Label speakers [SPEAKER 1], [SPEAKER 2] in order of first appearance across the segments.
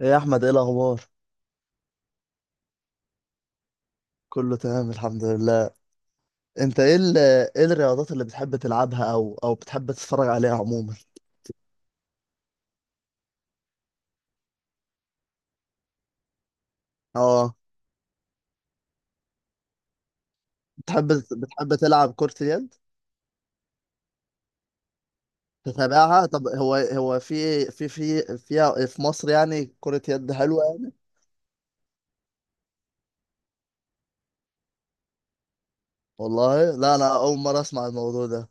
[SPEAKER 1] ايه يا احمد، ايه الاخبار؟ كله تمام الحمد لله. انت ايه ايه الرياضات اللي بتحب تلعبها او بتحب تتفرج عليها عموما؟ اه. بتحب بتحب تلعب كرة اليد؟ تتابعها؟ طب هو في في في فيها في مصر يعني كرة يد حلوة يعني؟ والله لا، انا اول مرة اسمع الموضوع ده.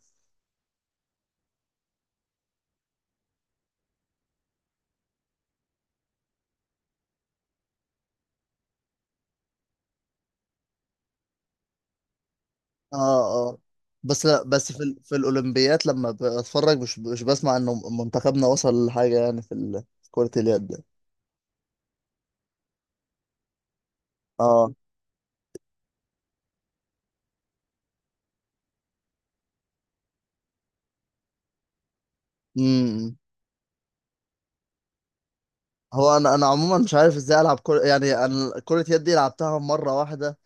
[SPEAKER 1] اه اه. بس لا، بس في في الاولمبيات لما بتفرج مش بسمع انه منتخبنا وصل لحاجة يعني في في كرة اليد. اه. امم هو انا عموما مش عارف ازاي العب كرة، يعني انا كرة يد دي لعبتها مرة واحدة.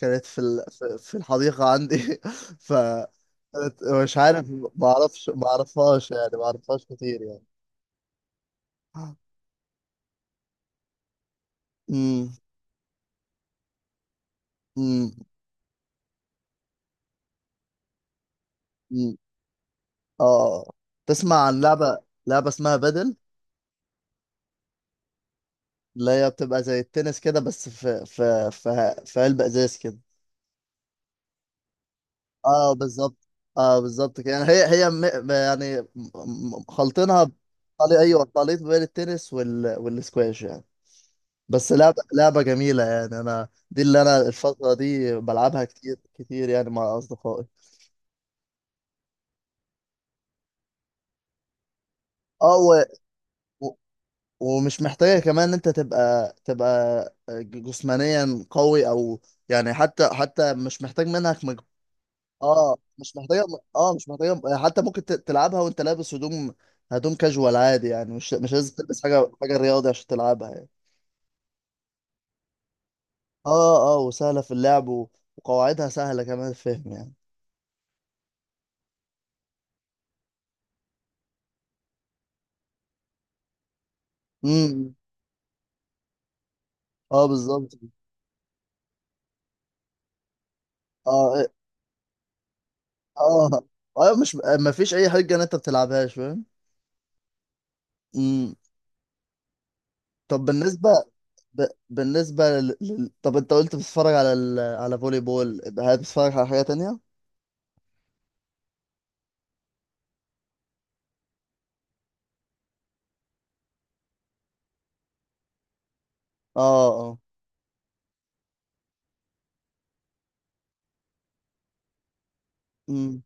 [SPEAKER 1] كانت في في الحديقة عندي. ف مش عارف، ما اعرفش، ما اعرفهاش كتير يعني. امم امم أمم. اه آه. تسمع عن لعبة اسمها بدل؟ اللي هي بتبقى زي التنس كده، بس في علبة ازاز كده. اه بالظبط. اه بالظبط كده. يعني هي م- يعني م- خلطينها ايوه، خليط بين التنس والسكواش يعني. بس لعبة جميلة، يعني انا دي اللي انا الفترة دي بلعبها كتير كتير يعني مع اصدقائي. اه و... ومش محتاجة كمان ان انت تبقى جسمانيا قوي او يعني حتى مش محتاج منك. اه مش محتاجه. اه مش محتاجه، حتى ممكن تلعبها وانت لابس هدوم كاجوال عادي، يعني مش لازم تلبس حاجه رياضي عشان تلعبها يعني. اه اه، وسهله في اللعب وقواعدها سهله كمان الفهم يعني. امم. اه بالظبط. اه إيه، اه اه، مش ما فيش اي حاجه ان انت بتلعبهاش فاهم. امم. طب بالنسبه ب... بالنسبه لل... لل- طب انت قلت بتتفرج على على فولي بول، هل بتتفرج على حاجه تانية؟ اه اه. امم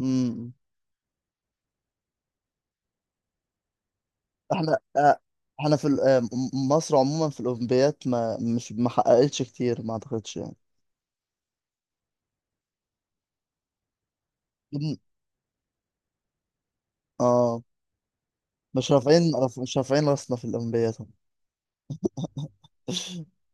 [SPEAKER 1] امم. احنا احنا في مصر عموما في الاولمبيات ما حققتش كتير ما اعتقدش يعني. إن- اه مش رافعين مش رافعين راسنا في الاولمبيات.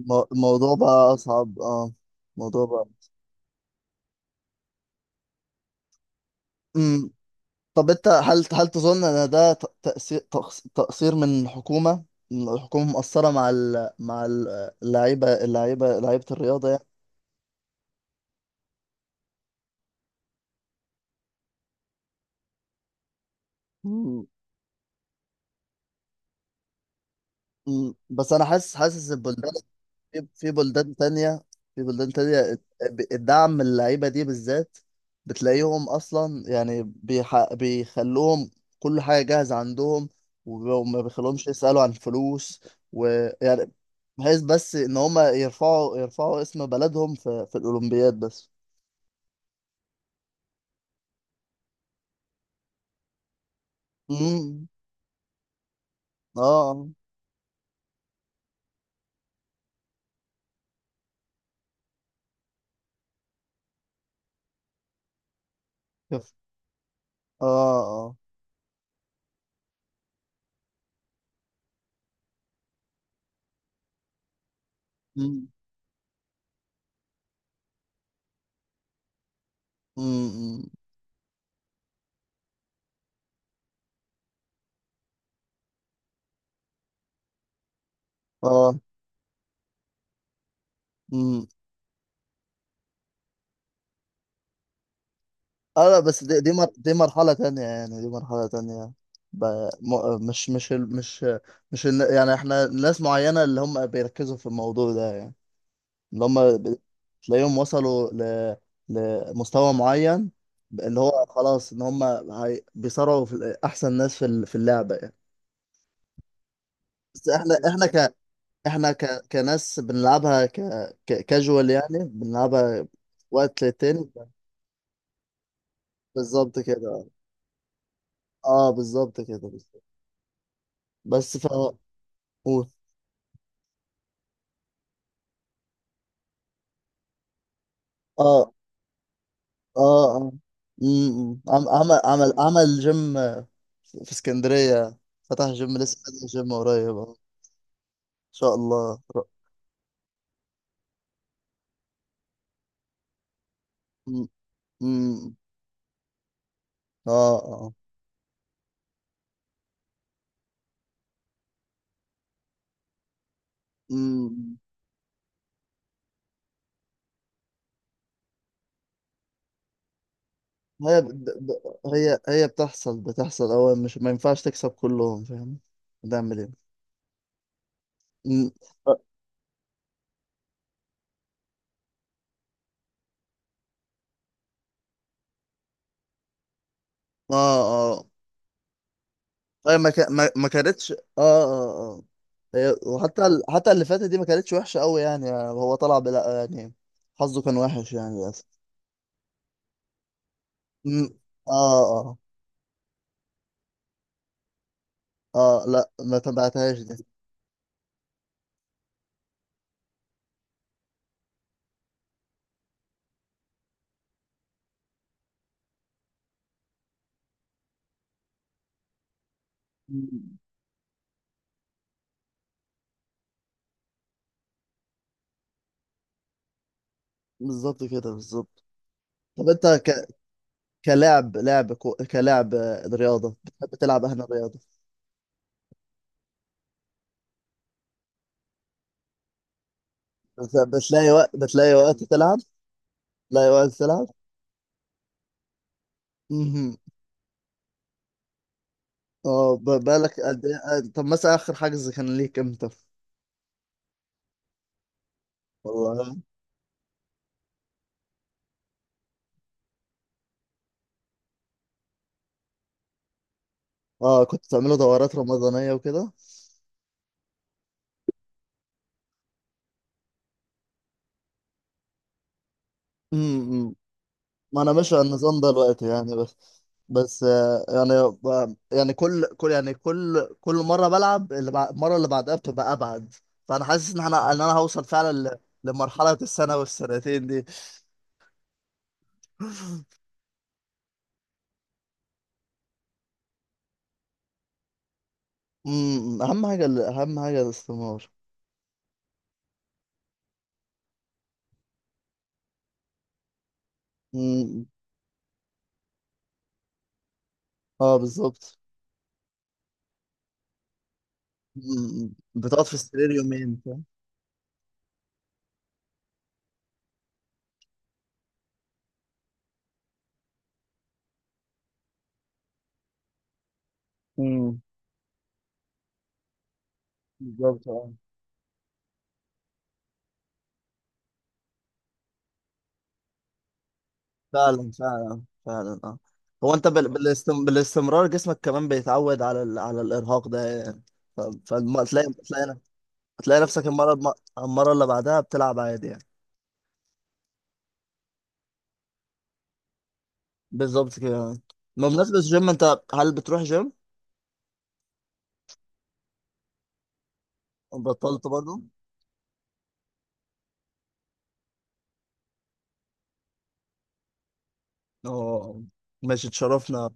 [SPEAKER 1] الموضوع بقى اصعب اه. الموضوع بقى. امم. طب انت هل تظن ان ده تقصير تقصير من الحكومة، إن الحكومة مقصرة مع اللعيبة لعيبة الرياضة يعني. مم. مم. بس انا حاسس البلدان، في بلدان تانية، في بلدان تانية الدعم اللعيبة دي بالذات، بتلاقيهم أصلا يعني بيخلوهم كل حاجة جاهزة عندهم، وما بيخلوهمش يسألوا عن فلوس ويعني، بحيث بس إن هما يرفعوا اسم بلدهم في الأولمبياد بس. امم، اه اه اه اه، امم امم اه. مم. اه لا، بس دي مرحلة تانية يعني، دي مرحلة تانية. ب... مش مش يعني احنا ناس معينة اللي هم بيركزوا في الموضوع ده يعني، اللي هم ب... تلاقيهم وصلوا لمستوى معين، اللي هو خلاص ان هم بيصارعوا في احسن ناس في في اللعبة يعني. بس احنا كناس بنلعبها كاجوال يعني، بنلعبها وقت للتاني. بالظبط كده. اه بالظبط كده بالظبط. بس ف قول. اه اه اه. امم. عمل جيم آه، في اسكندرية، فتح جيم، لسه فاتح جيم قريب. اه ان شاء الله. م- م- اه اه. م- هي ب... ب... هي بتحصل. هو مش، ما ينفعش تكسب كلهم فاهم، هتعمل ايه. م- اه اه. هي ما ك... ما... ما كانتش. اه اه اه. هي، وحتى حتى اللي فاتت دي ما كانتش وحشة قوي يعني، هو طلع بلا يعني، حظه كان وحش يعني للأسف. مم. اه اه اه، لا ما تبعتهاش دي. مم. بالظبط كده بالظبط. طب انت كلاعب كلاعب آه، رياضة، بتحب تلعب اهنا رياضة؟ بتلاقي وقت تلعب؟ بتلاقي وقت تلعب؟ مهم. اه بالك قد ايه آه، طب مثلا اخر حجز كان ليك امتى؟ والله. اه كنت بتعملوا دورات رمضانية وكده؟ مم. ما انا ماشي على النظام ده دلوقتي يعني، بس آه، يعني يعني كل يعني كل مره بلعب اللي المره اللي بعدها بتبقى ابعد. فانا حاسس ان انا هوصل فعلا لمرحله السنه والسنتين دي. امم، اهم حاجه اهم حاجه الاستثمار. امم اه بالظبط. أمم، بتقعد في السرير يومين فاهم؟ امم، بالظبط آه. فعلا فعلا فعلا اه. هو انت بالاستمرار جسمك كمان بيتعود على على الارهاق ده يعني. تلاقي تلاقي نفسك المره المره اللي بعدها بتلعب عادي يعني. بالظبط كده. بمناسبة الجيم، انت هل بتروح جيم؟ بطلت برضه؟ اه، ماشي تشرفنا.